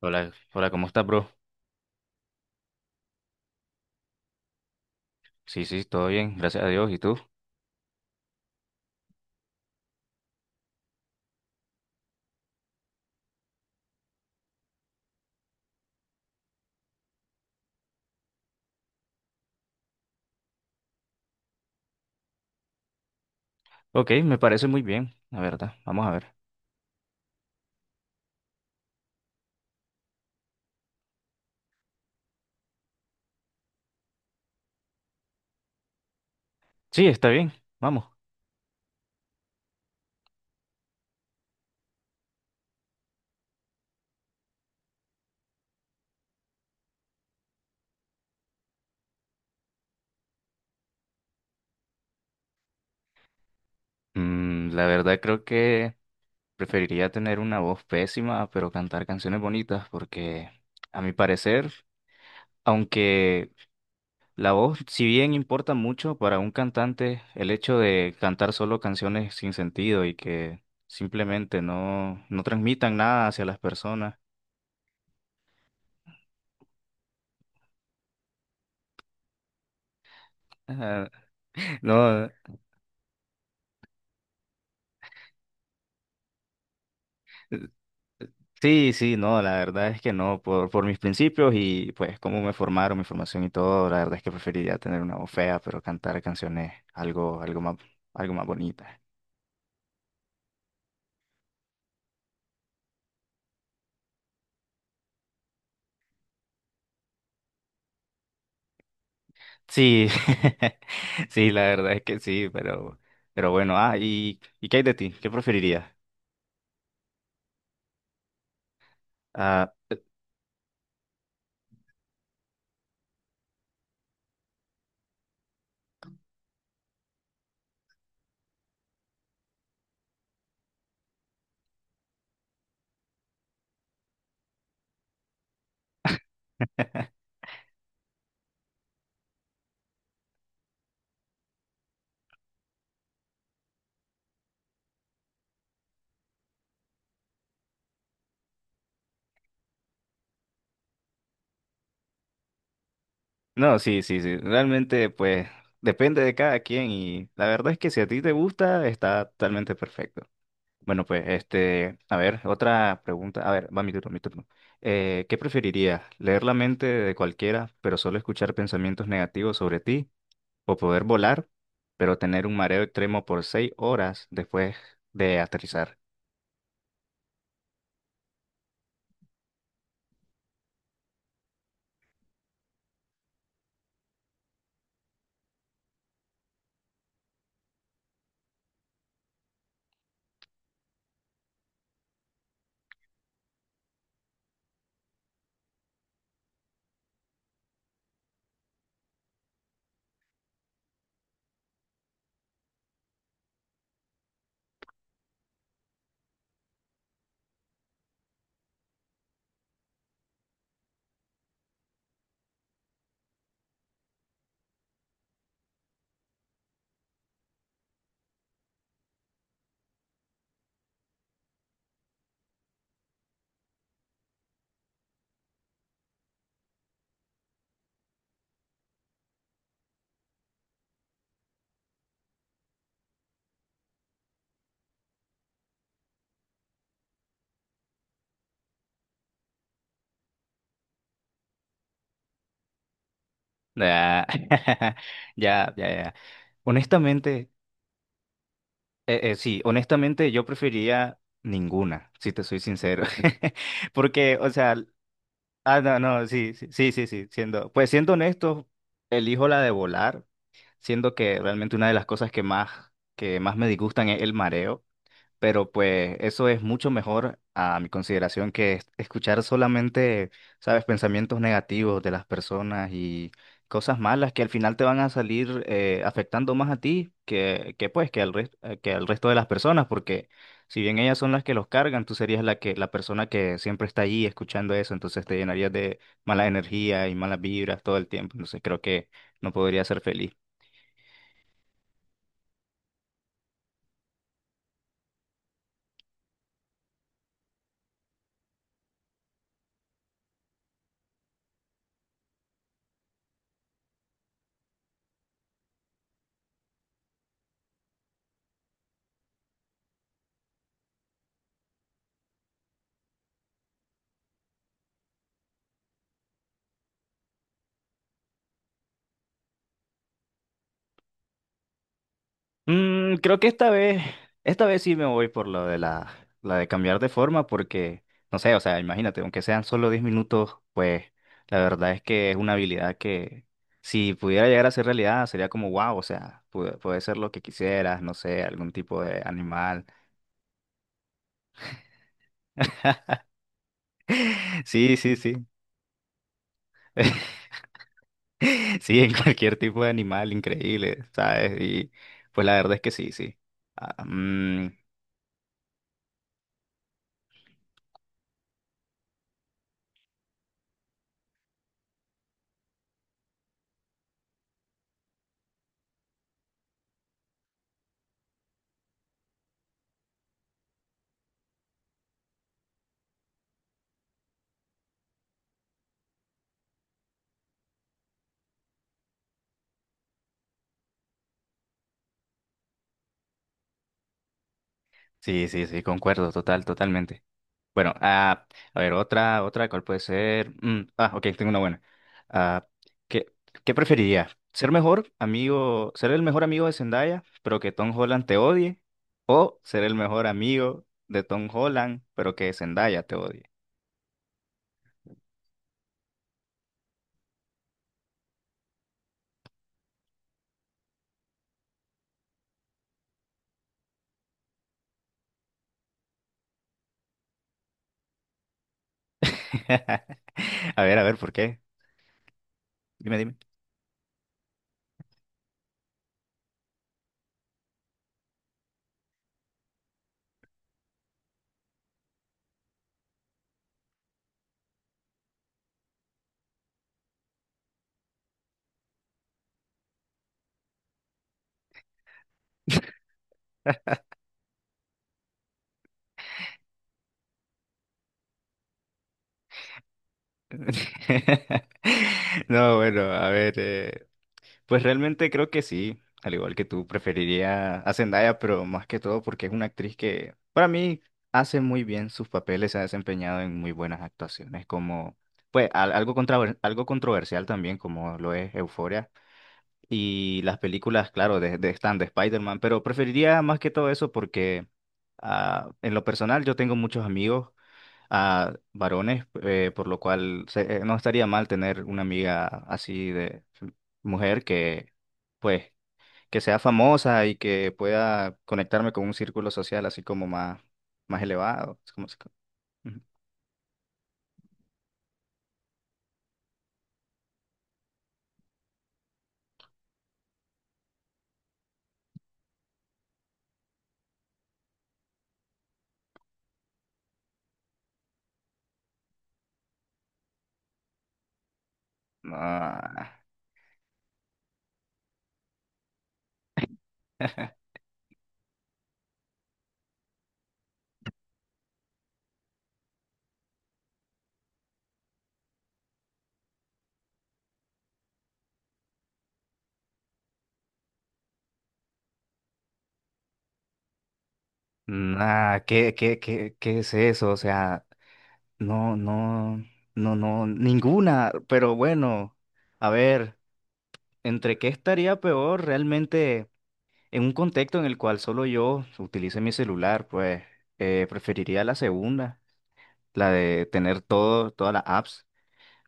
Hola, hola, ¿cómo estás, bro? Sí, todo bien, gracias a Dios. ¿Y tú? Ok, me parece muy bien, la verdad. Vamos a ver. Sí, está bien, vamos. La verdad creo que preferiría tener una voz pésima, pero cantar canciones bonitas, porque a mi parecer, aunque la voz, si bien importa mucho para un cantante, el hecho de cantar solo canciones sin sentido y que simplemente no transmitan nada hacia las personas. No, sí, sí, no, la verdad es que no, por mis principios y pues cómo me formaron, mi formación y todo, la verdad es que preferiría tener una voz fea, pero cantar canciones algo, algo más bonita. Sí, sí, la verdad es que sí, pero bueno, ¿y qué hay de ti? ¿Qué preferirías? Ah, eh, no, sí, sí, sí, realmente pues depende de cada quien y la verdad es que si a ti te gusta, está totalmente perfecto. Bueno, pues, este, a ver, otra pregunta. A ver, va mi turno. ¿Qué preferirías? ¿Leer la mente de cualquiera, pero solo escuchar pensamientos negativos sobre ti? ¿O poder volar, pero tener un mareo extremo por 6 horas después de aterrizar? Ah, Ya. Honestamente, sí, honestamente yo preferiría ninguna, si te soy sincero. Porque, o sea, no, no, sí, sí, sí, sí, sí, siendo, pues siendo honesto, elijo la de volar siendo que realmente una de las cosas que más me disgustan es el mareo, pero pues eso es mucho mejor a mi consideración que escuchar solamente, sabes, pensamientos negativos de las personas y cosas malas que al final te van a salir afectando más a ti que pues que al que al resto de las personas, porque si bien ellas son las que los cargan, tú serías la que la persona que siempre está allí escuchando eso, entonces te llenarías de mala energía y malas vibras todo el tiempo, entonces creo que no podría ser feliz. Creo que esta vez sí me voy por lo de la de cambiar de forma, porque, no sé, o sea, imagínate, aunque sean solo 10 minutos, pues la verdad es que es una habilidad que si pudiera llegar a ser realidad sería como wow, o sea, puede ser lo que quisieras, no sé, algún tipo de animal. Sí. Sí, en cualquier tipo de animal, increíble, ¿sabes? Y pues la verdad es que sí, sí. Ah, mm, sí, sí, sí, concuerdo, totalmente. Bueno, a ver, otra, ¿cuál puede ser? Ok, tengo una buena. Ah, ¿qué, qué preferiría? ¿Ser el mejor amigo de Zendaya, pero que Tom Holland te odie? ¿O ser el mejor amigo de Tom Holland, pero que Zendaya te odie? A ver, ¿por qué? Dime. No, bueno, a ver. Pues realmente creo que sí, al igual que tú, preferiría a Zendaya, pero más que todo porque es una actriz que para mí hace muy bien sus papeles, se ha desempeñado en muy buenas actuaciones, como pues algo algo controversial también, como lo es Euphoria y las películas, claro, de están de Spider-Man, pero preferiría más que todo eso porque en lo personal yo tengo muchos amigos a varones, por lo cual no estaría mal tener una amiga así de mujer que, pues, que sea famosa y que pueda conectarme con un círculo social así como más, más elevado. Es como- Ujú. Ah, nah, qué es eso? O sea, no, no, no, ninguna, pero bueno, a ver, ¿entre qué estaría peor realmente? En un contexto en el cual solo yo utilice mi celular, pues preferiría la segunda, la de todas las apps.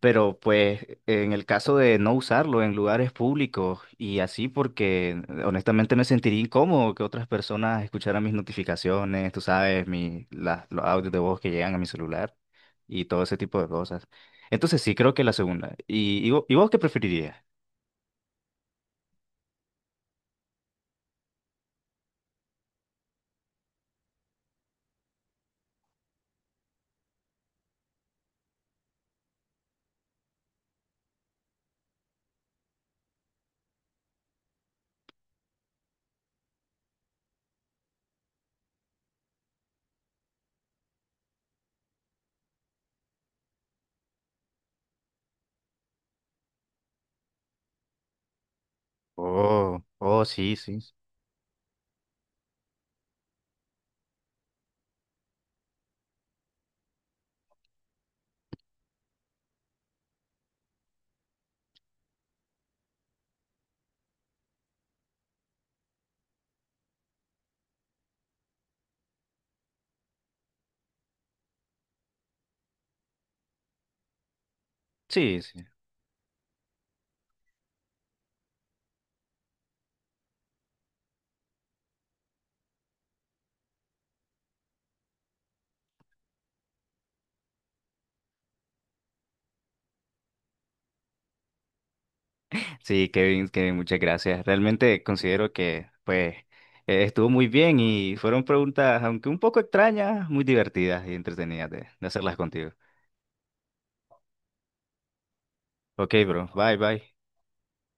Pero pues en el caso de no usarlo en lugares públicos y así porque honestamente me sentiría incómodo que otras personas escucharan mis notificaciones, tú sabes, los audios de voz que llegan a mi celular y todo ese tipo de cosas. Entonces sí creo que la segunda. Y vos qué preferirías? Oh, sí, sí. Sí, sí. Sí, Kevin, muchas gracias. Realmente considero que pues estuvo muy bien y fueron preguntas, aunque un poco extrañas, muy divertidas y entretenidas de hacerlas contigo. Ok, bro. Bye, bye.